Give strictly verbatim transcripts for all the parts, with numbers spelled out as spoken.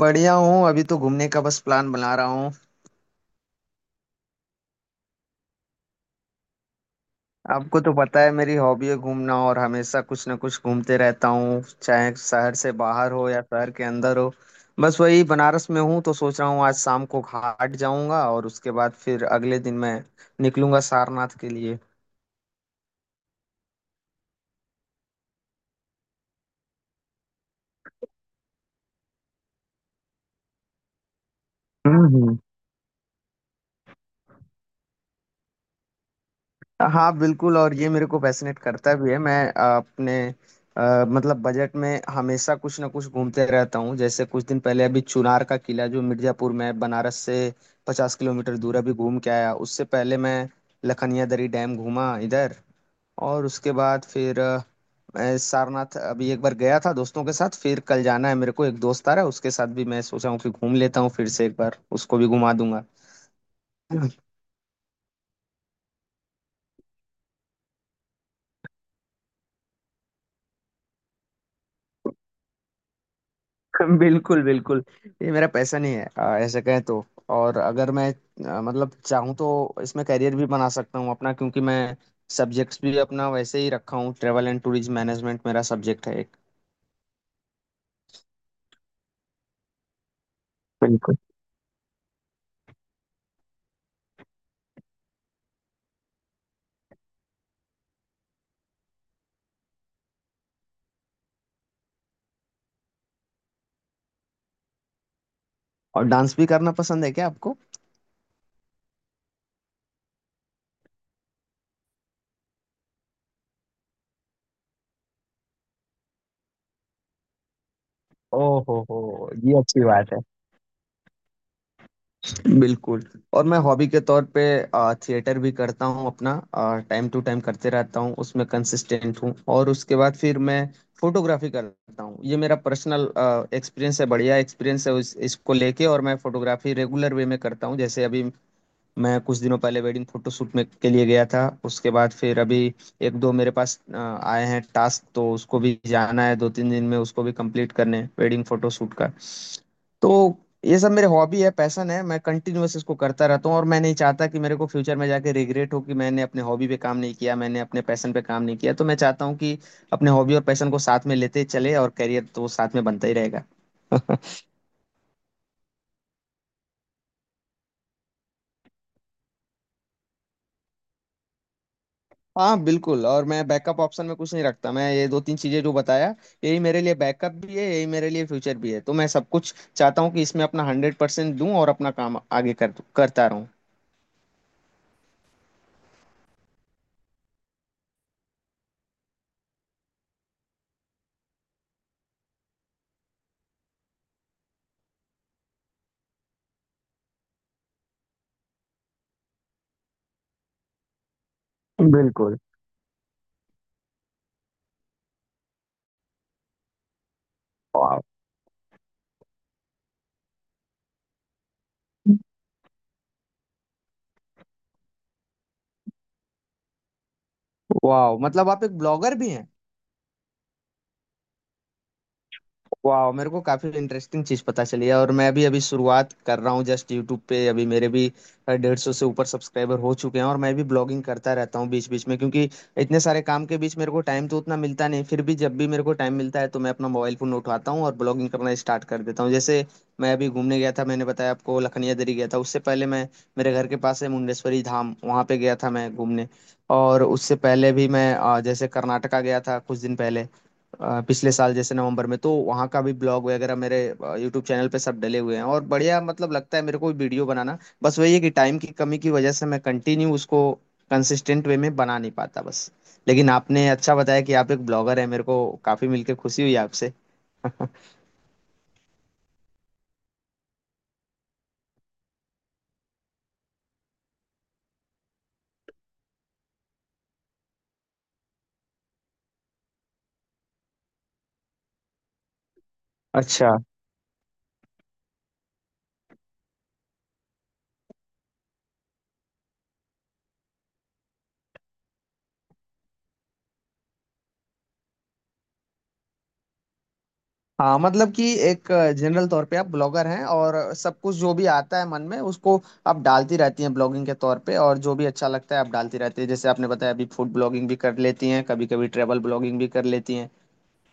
बढ़िया हूँ अभी तो घूमने का बस प्लान बना रहा हूँ। आपको तो पता है मेरी हॉबी है घूमना और हमेशा कुछ ना कुछ घूमते रहता हूँ चाहे शहर से बाहर हो या शहर के अंदर हो। बस वही बनारस में हूँ तो सोच रहा हूँ आज शाम को घाट जाऊंगा और उसके बाद फिर अगले दिन मैं निकलूंगा सारनाथ के लिए। हम्म हम्म। हाँ बिल्कुल। और ये मेरे को पैसिनेट करता भी है। मैं अ, अपने अ, मतलब बजट में हमेशा कुछ ना कुछ घूमते रहता हूँ, जैसे कुछ दिन पहले अभी चुनार का किला जो मिर्जापुर में है, बनारस से पचास किलोमीटर दूर, अभी घूम के आया। उससे पहले मैं लखनिया दरी डैम घूमा इधर। और उसके बाद फिर अ, मैं सारनाथ अभी एक बार गया था दोस्तों के साथ। फिर कल जाना है, मेरे को एक दोस्त आ रहा है, उसके साथ भी मैं सोचा हूँ कि घूम लेता हूँ फिर से एक बार, उसको भी घुमा दूंगा। बिल्कुल बिल्कुल। ये मेरा पैशन ही है, आ, ऐसे कहें तो। और अगर मैं आ, मतलब चाहूँ तो इसमें करियर भी बना सकता हूँ अपना, क्योंकि मैं सब्जेक्ट्स भी अपना वैसे ही रखा हूँ। ट्रेवल एंड टूरिज्म मैनेजमेंट मेरा सब्जेक्ट है एक। बिल्कुल। और डांस भी करना पसंद है क्या आपको? ओहो हो। ये अच्छी बात है। बिल्कुल। और मैं हॉबी के तौर पे थिएटर भी करता हूँ अपना, टाइम टू टाइम करते रहता हूँ, उसमें कंसिस्टेंट हूँ। और उसके बाद फिर मैं फोटोग्राफी करता हूँ। ये मेरा पर्सनल एक्सपीरियंस है, बढ़िया एक्सपीरियंस है उस, इसको लेके। और मैं फोटोग्राफी रेगुलर वे में करता हूँ, जैसे अभी मैं कुछ दिनों पहले वेडिंग फोटोशूट में के लिए गया था। उसके बाद फिर अभी एक दो मेरे पास अ, आए हैं टास्क, तो उसको भी जाना है, दो तीन दिन में उसको भी कंप्लीट करने हैं वेडिंग फोटोशूट का। तो ये सब मेरे हॉबी है, पैशन है, मैं कंटिन्यूअस इसको करता रहता हूँ। और मैं नहीं चाहता कि मेरे को फ्यूचर में जाके रिग्रेट हो कि मैंने अपने हॉबी पे काम नहीं किया, मैंने अपने पैशन पे काम नहीं किया। तो मैं चाहता हूँ कि अपने हॉबी और पैशन को साथ में लेते चले, और करियर तो साथ में बनता ही रहेगा। हाँ बिल्कुल। और मैं बैकअप ऑप्शन में कुछ नहीं रखता, मैं ये दो तीन चीजें जो बताया, यही मेरे लिए बैकअप भी है, यही मेरे लिए फ्यूचर भी है। तो मैं सब कुछ चाहता हूँ कि इसमें अपना हंड्रेड परसेंट दूँ और अपना काम आगे कर करता रहूँ। बिल्कुल। वाह। वाह मतलब आप एक ब्लॉगर भी हैं। वाह, मेरे को काफी इंटरेस्टिंग चीज पता चली है। और मैं भी अभी शुरुआत कर रहा हूँ जस्ट यूट्यूब पे। अभी मेरे भी डेढ़ सौ से ऊपर सब्सक्राइबर हो चुके हैं, और मैं भी ब्लॉगिंग करता रहता हूँ बीच बीच में, क्योंकि इतने सारे काम के बीच मेरे को टाइम तो उतना मिलता नहीं। फिर भी जब भी मेरे को टाइम मिलता है तो मैं अपना मोबाइल फोन उठाता हूँ और ब्लॉगिंग करना स्टार्ट कर देता हूँ। जैसे मैं अभी घूमने गया था, मैंने बताया आपको, लखनिया दरी गया था। उससे पहले मैं, मेरे घर के पास है मुंडेश्वरी धाम, वहाँ पे गया था मैं घूमने। और उससे पहले भी मैं अ, जैसे कर्नाटका गया था कुछ दिन पहले, अ, पिछले साल जैसे नवंबर में। तो वहाँ का भी ब्लॉग वगैरह मेरे यूट्यूब चैनल पे सब डले हुए हैं। और बढ़िया मतलब लगता है मेरे को वीडियो बनाना। बस वही है कि टाइम की कमी की वजह से मैं कंटिन्यू उसको कंसिस्टेंट वे में बना नहीं पाता बस। लेकिन आपने अच्छा बताया कि आप एक ब्लॉगर हैं, मेरे को काफ़ी मिलकर खुशी हुई आपसे। अच्छा। हाँ मतलब कि एक जनरल तौर पे आप ब्लॉगर हैं और सब कुछ जो भी आता है मन में उसको आप डालती रहती हैं ब्लॉगिंग के तौर पे, और जो भी अच्छा लगता है आप डालती रहती हैं। जैसे आपने बताया, अभी फूड ब्लॉगिंग भी कर लेती हैं, कभी कभी ट्रैवल ब्लॉगिंग भी कर लेती हैं।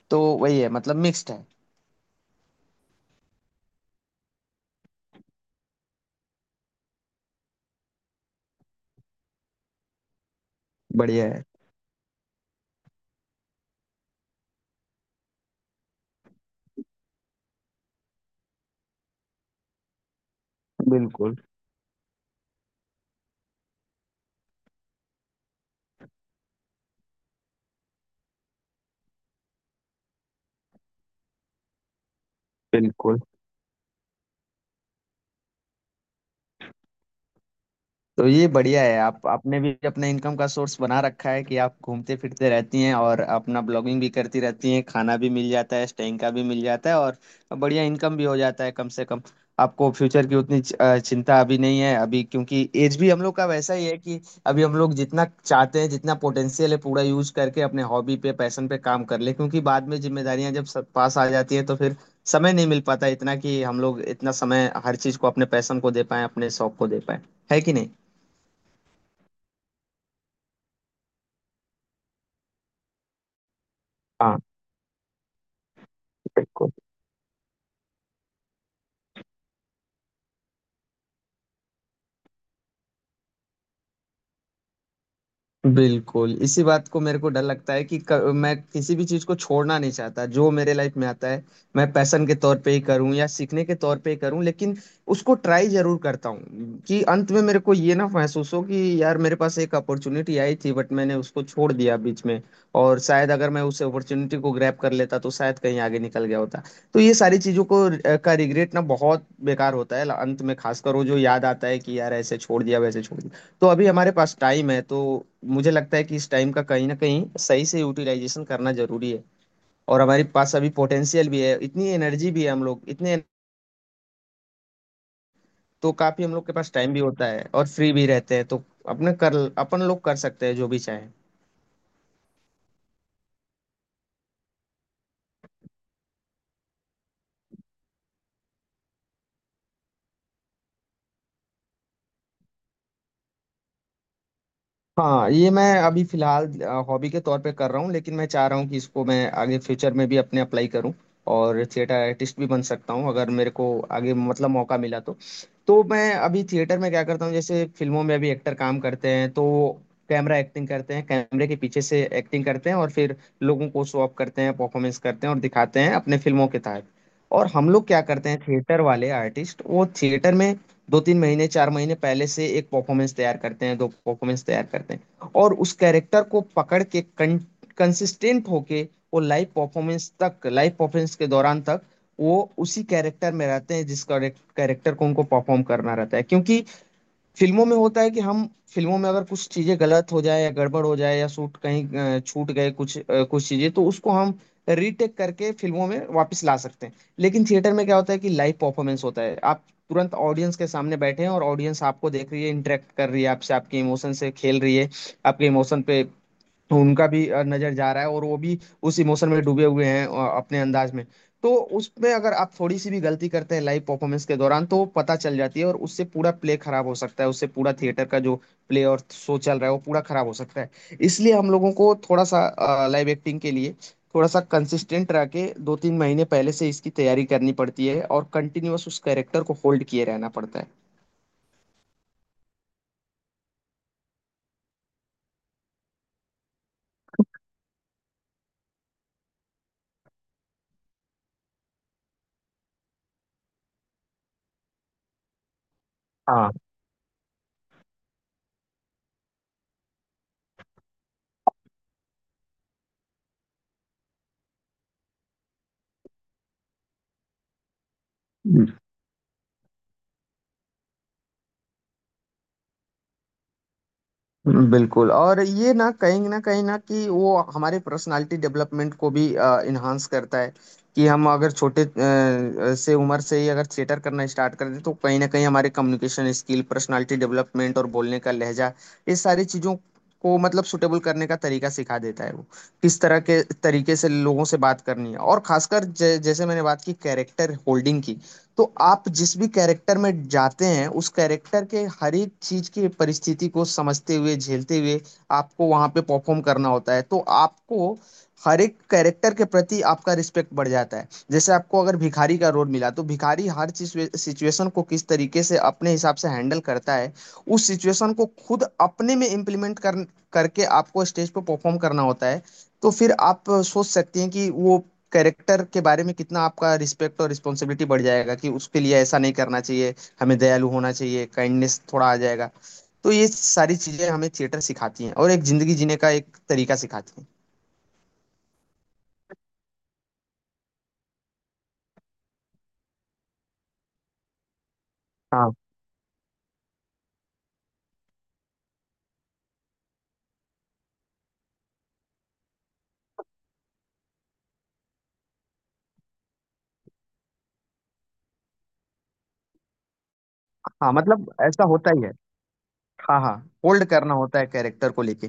तो वही है, मतलब मिक्स्ड है। बढ़िया है। बिल्कुल बिल्कुल। तो ये बढ़िया है, आप आपने भी अपने इनकम का सोर्स बना रखा है कि आप घूमते फिरते रहती हैं और अपना ब्लॉगिंग भी करती रहती हैं, खाना भी मिल जाता है, स्टेइंग का भी मिल जाता है, और बढ़िया इनकम भी हो जाता है कम से कम। आपको फ्यूचर की उतनी चि- अ, चिंता अभी नहीं है अभी, क्योंकि एज भी हम लोग का वैसा ही है कि अभी हम लोग जितना चाहते हैं, जितना पोटेंशियल है पूरा यूज करके अपने हॉबी पे पैशन पे काम कर ले, क्योंकि बाद में जिम्मेदारियां जब सब पास आ जाती है तो फिर समय नहीं मिल पाता इतना कि हम लोग इतना समय हर चीज को, अपने पैशन को दे पाए, अपने शौक को दे पाए, है कि नहीं। हाँ। बिल्कुल बिल्कुल, इसी बात को मेरे को डर लगता है कि क, मैं किसी भी चीज को छोड़ना नहीं चाहता जो मेरे लाइफ में आता है, मैं पैशन के तौर पे ही करूं या सीखने के तौर पे ही करूं, लेकिन उसको ट्राई जरूर करता हूं कि अंत में मेरे को ये ना महसूस हो कि यार मेरे पास एक अपॉर्चुनिटी आई थी, बट मैंने उसको छोड़ दिया बीच में, और शायद अगर मैं उस अपॉर्चुनिटी को ग्रैब कर लेता तो शायद कहीं आगे निकल गया होता। तो ये सारी चीजों को अ, का रिग्रेट ना बहुत बेकार होता है अंत में, खासकर वो जो याद आता है कि यार ऐसे छोड़ दिया वैसे छोड़। तो अभी हमारे पास टाइम है तो मुझे लगता है कि इस टाइम का कहीं ना कहीं सही से यूटिलाइजेशन करना जरूरी है। और हमारे पास अभी पोटेंशियल भी है, इतनी एनर्जी भी है, हम लोग इतने, तो काफी हम लोग के पास टाइम भी होता है और फ्री भी रहते हैं, तो अपने कर अपन लोग कर सकते हैं जो भी चाहें। हाँ ये मैं अभी फिलहाल हॉबी के तौर पे कर रहा हूँ, लेकिन मैं चाह रहा हूँ कि इसको मैं आगे फ्यूचर में भी अपने अप्लाई करूँ, और थिएटर आर्टिस्ट भी बन सकता हूँ अगर मेरे को आगे मतलब मौका मिला तो। तो मैं अभी थिएटर में क्या करता हूँ, जैसे फिल्मों में अभी एक्टर काम करते हैं तो कैमरा एक्टिंग करते हैं, कैमरे के पीछे से एक्टिंग करते हैं और फिर लोगों को शो ऑफ करते हैं, परफॉर्मेंस करते हैं और दिखाते हैं अपने फिल्मों के तहत। और हम लोग क्या करते हैं थिएटर वाले आर्टिस्ट, वो थिएटर में दो तीन महीने चार महीने पहले से एक परफॉर्मेंस तैयार करते हैं, दो परफॉर्मेंस तैयार करते हैं, और उस कैरेक्टर को पकड़ के, कंसिस्टेंट होके वो लाइव परफॉर्मेंस तक, लाइव परफॉर्मेंस के दौरान तक वो उसी कैरेक्टर में रहते हैं जिस कैरेक्टर को उनको परफॉर्म करना रहता है। क्योंकि फिल्मों में होता है कि हम, फिल्मों में अगर कुछ चीजें गलत हो जाए या गड़बड़ हो जाए या शूट कहीं अ, छूट गए कुछ अ, कुछ चीजें, तो उसको हम रीटेक करके फिल्मों में वापस ला सकते हैं। लेकिन थिएटर में क्या होता है कि लाइव परफॉर्मेंस होता है, आप तुरंत ऑडियंस के सामने बैठे हैं और ऑडियंस आपको देख रही है, इंटरेक्ट कर रही है आपसे, आपके इमोशन से खेल रही है, आपके इमोशन पे तो उनका भी अ, नजर जा रहा है, और वो भी उस इमोशन में डूबे हुए हैं अ, अपने अंदाज में। तो उसमें अगर आप थोड़ी सी भी गलती करते हैं लाइव परफॉर्मेंस के दौरान, तो वो पता चल जाती है और उससे पूरा प्ले खराब हो सकता है, उससे पूरा थिएटर का जो प्ले और शो चल रहा है वो पूरा खराब हो सकता है। इसलिए हम लोगों को थोड़ा सा लाइव एक्टिंग के लिए थोड़ा सा कंसिस्टेंट रह के दो तीन महीने पहले से इसकी तैयारी करनी पड़ती है और कंटिन्यूअस उस कैरेक्टर को होल्ड किए रहना पड़ता है। हाँ बिल्कुल। और ये ना कहीं ना कहीं ना कि वो हमारे पर्सनालिटी डेवलपमेंट को भी इन्हांस करता है कि हम अगर छोटे अ, से उम्र से ही अगर थिएटर करना स्टार्ट कर दें, तो कहीं ना कहीं हमारे कम्युनिकेशन स्किल, पर्सनालिटी डेवलपमेंट और बोलने का लहजा, ये सारी चीज़ों को मतलब सुटेबल करने का तरीका सिखा देता है वो। किस तरह के तरीके से लोगों से बात करनी है, और खासकर जै, जैसे मैंने बात की कैरेक्टर होल्डिंग की, तो आप जिस भी कैरेक्टर में जाते हैं उस कैरेक्टर के हर एक चीज की परिस्थिति को समझते हुए, झेलते हुए आपको वहां पे परफॉर्म करना होता है। तो आपको हर एक कैरेक्टर के प्रति आपका रिस्पेक्ट बढ़ जाता है, जैसे आपको अगर भिखारी का रोल मिला तो भिखारी हर सिचुएशन को किस तरीके से अपने हिसाब से हैंडल करता है, उस सिचुएशन को खुद अपने में इम्प्लीमेंट कर करके आपको स्टेज पे परफॉर्म करना होता है। तो फिर आप सोच सकती हैं कि वो कैरेक्टर के बारे में कितना आपका रिस्पेक्ट और रिस्पॉन्सिबिलिटी बढ़ जाएगा कि उसके लिए ऐसा नहीं करना चाहिए, हमें दयालु होना चाहिए, काइंडनेस थोड़ा आ जाएगा। तो ये सारी चीजें हमें थिएटर सिखाती हैं और एक जिंदगी जीने का एक तरीका सिखाती हैं। हाँ हाँ, मतलब ऐसा होता ही है। हाँ हाँ, होल्ड करना होता है कैरेक्टर को लेके।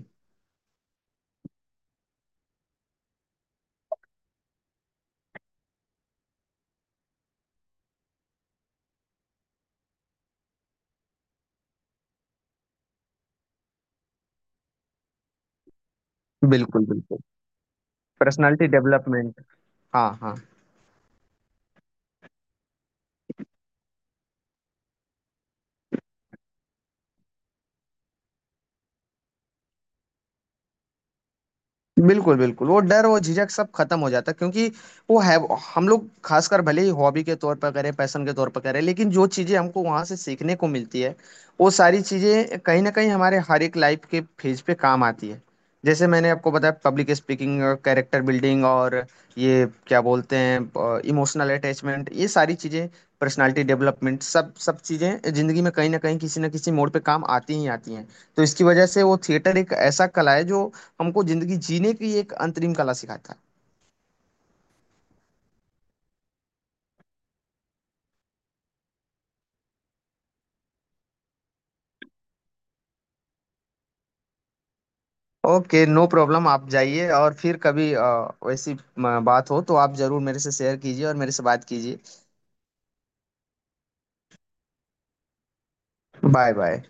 बिल्कुल बिल्कुल। Personality development. हाँ हाँ। बिल्कुल, बिल्कुल। वो डर, वो झिझक सब खत्म हो जाता है क्योंकि वो है, वो हम लोग खासकर भले ही हॉबी के तौर पर करें, पैशन के तौर पर करें, लेकिन जो चीज़ें हमको वहाँ से सीखने को मिलती है, वो सारी चीज़ें कहीं न कहीं हमारे हर एक लाइफ के फेज पे काम आती है। जैसे मैंने आपको बताया पब्लिक स्पीकिंग, कैरेक्टर बिल्डिंग और ये क्या बोलते हैं ब इमोशनल अटैचमेंट, ये सारी चीज़ें, पर्सनैलिटी डेवलपमेंट, सब सब चीज़ें ज़िंदगी में कहीं न कहीं किसी न किसी मोड़ पे काम आती ही आती हैं। तो इसकी वजह से वो थिएटर एक ऐसा कला है जो हमको जिंदगी जीने की एक अंतरिम कला सिखाता है। ओके नो प्रॉब्लम, आप जाइए, और फिर कभी अ, वैसी अ, बात हो तो आप जरूर मेरे से शेयर कीजिए और मेरे से बात कीजिए। Bye bye.